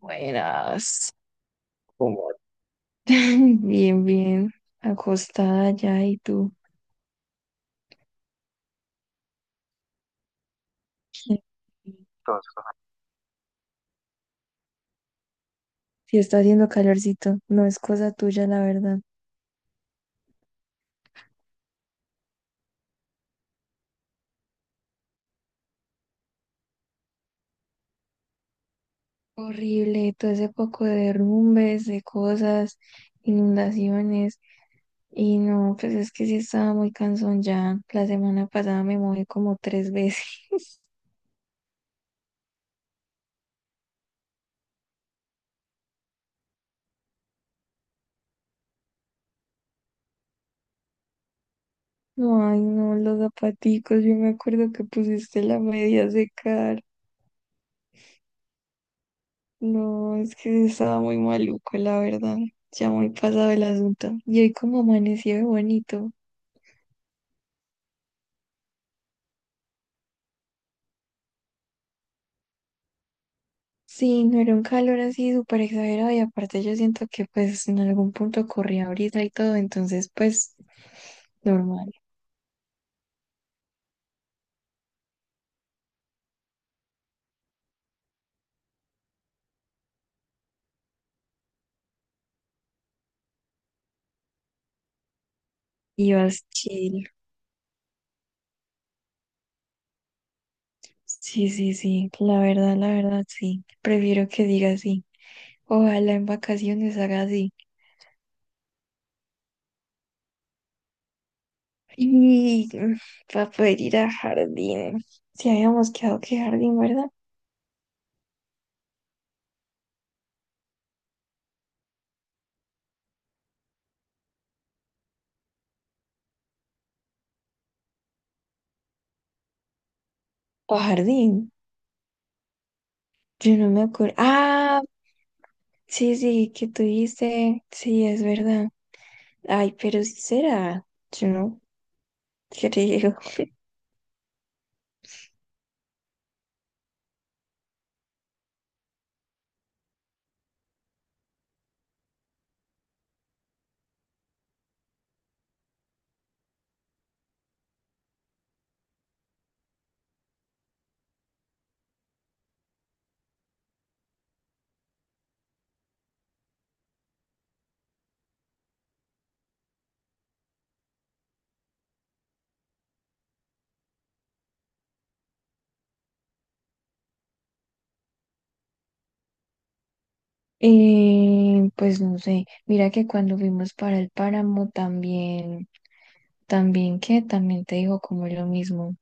Buenas. ¿Cómo? Bien, bien. Acostada ya, y tú. Sí. Entonces, sí está haciendo calorcito. No es cosa tuya, la verdad. Horrible. Todo ese poco de derrumbes, de cosas, inundaciones. Y no, pues es que sí estaba muy cansón ya. La semana pasada me mojé como 3 veces. No, ay, no, los zapaticos. Yo me acuerdo que pusiste la media a secar. No, es que estaba muy maluco, la verdad. Ya muy pasado el asunto. Y hoy como amaneció de bonito. Sí, no era un calor así súper exagerado, y aparte yo siento que pues en algún punto corría brisa y todo, entonces pues normal. Ibas chill. Sí, sí, sí, la verdad, sí. Prefiero que diga así. Ojalá en vacaciones haga así. Y para poder ir a jardín. Si habíamos quedado que jardín, ¿verdad? Pa' jardín. Yo no me acuerdo. Ah, sí, sí, que tú dices. Sí, es verdad. Ay, pero sí será. Yo no creo. Pues no sé. Mira que cuando fuimos para el páramo también, también que también te dijo como lo mismo.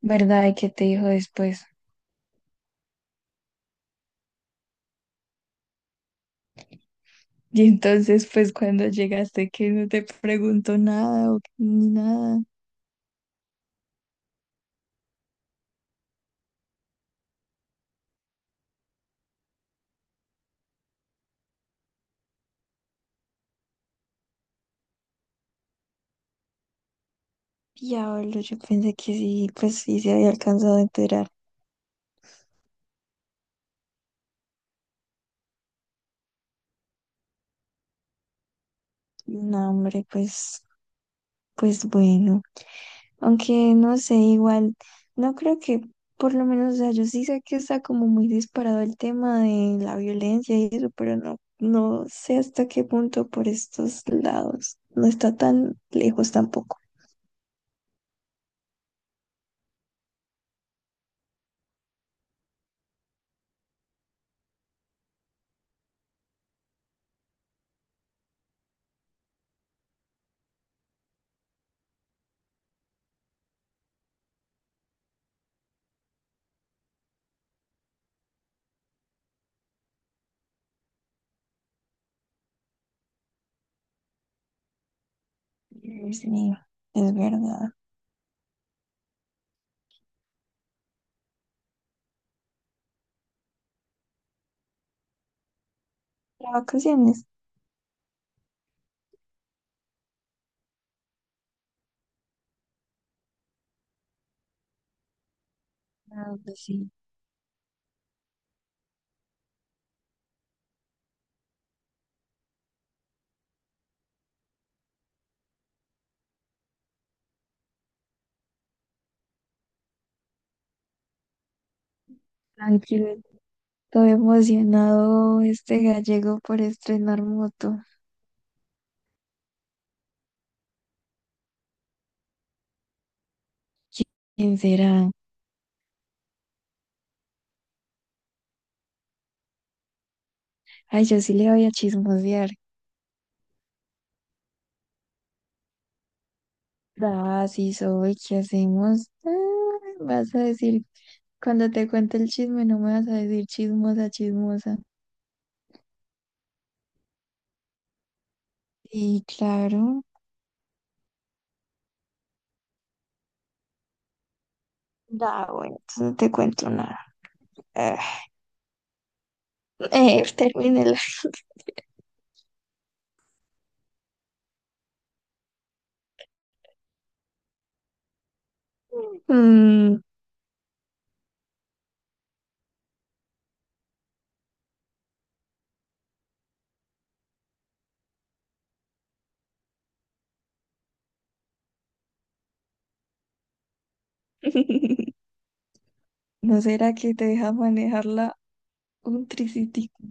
¿Verdad? ¿Y qué te dijo después? Y entonces, pues cuando llegaste, ¿que no te preguntó nada o ni nada? Diablo, yo pensé que sí, pues sí se había alcanzado a enterar. No, hombre, pues, pues bueno. Aunque no sé, igual, no creo que, por lo menos, o sea, yo sí sé que está como muy disparado el tema de la violencia y eso, pero no, no sé hasta qué punto por estos lados. No está tan lejos tampoco. Sí, es verdad. Las vacaciones. Ah, pues sí, tranquilo. Todo emocionado este gallego por estrenar moto. ¿Quién será? Ay, yo sí le voy a chismosear. Ah, sí soy. ¿Qué hacemos? Ah, vas a decir. Cuando te cuente el chisme, no me vas a decir chismosa, chismosa. Y claro. Da, bueno, entonces no te cuento nada. Ah. Termínela. Mm. ¿No será que te deja manejarla un tricitico?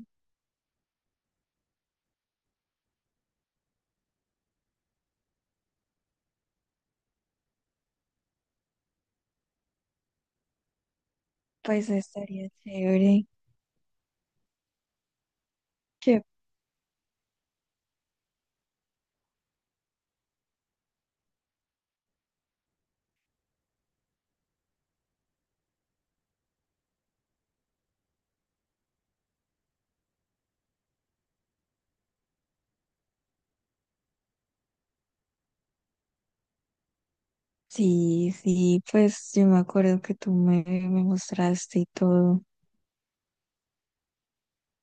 Pues estaría chévere. ¿Qué? Sí, sí, pues yo me acuerdo que tú me mostraste y todo.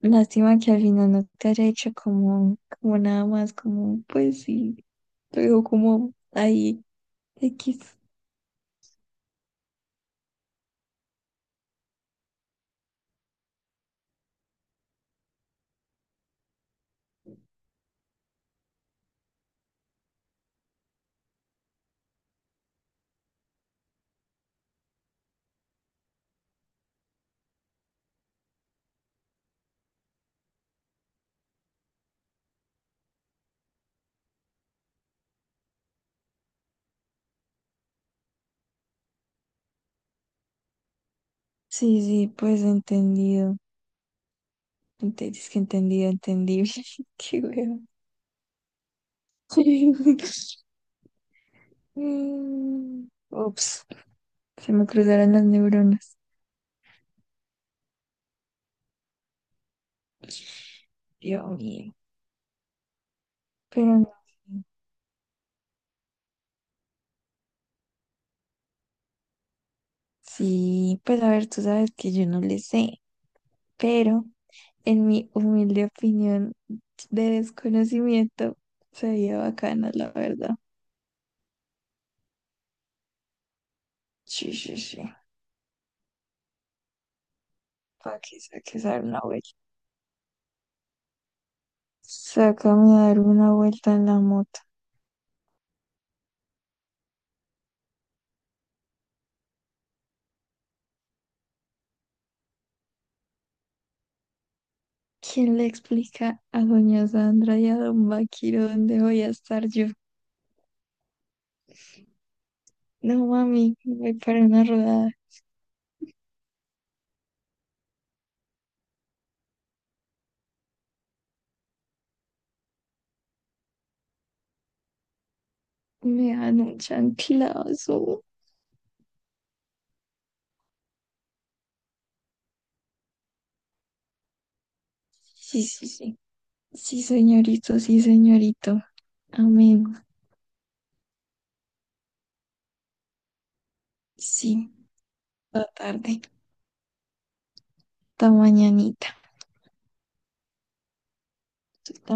Lástima que al final no te haya hecho como, como nada más, como, pues sí, te digo como ahí, X. Sí, sí, pues entendido. Es que entendido, entendible. Qué huevo. Mm, ups, se me cruzaron las neuronas. Dios mío. Pero no sé. Sí, pues a ver, tú sabes que yo no le sé, pero en mi humilde opinión de desconocimiento sería bacana, la verdad. Sí, sí, sí. Para que saques a dar una vuelta. Sácame a dar una vuelta en la moto. ¿Quién le explica a doña Sandra y a don Vaquiro dónde voy a estar yo? No, mami, voy para una rodada. Me dan un chanclazo. Sí, sí, sí. Sí, señorito, sí, señorito. Amén. Sí, toda tarde, toda mañanita.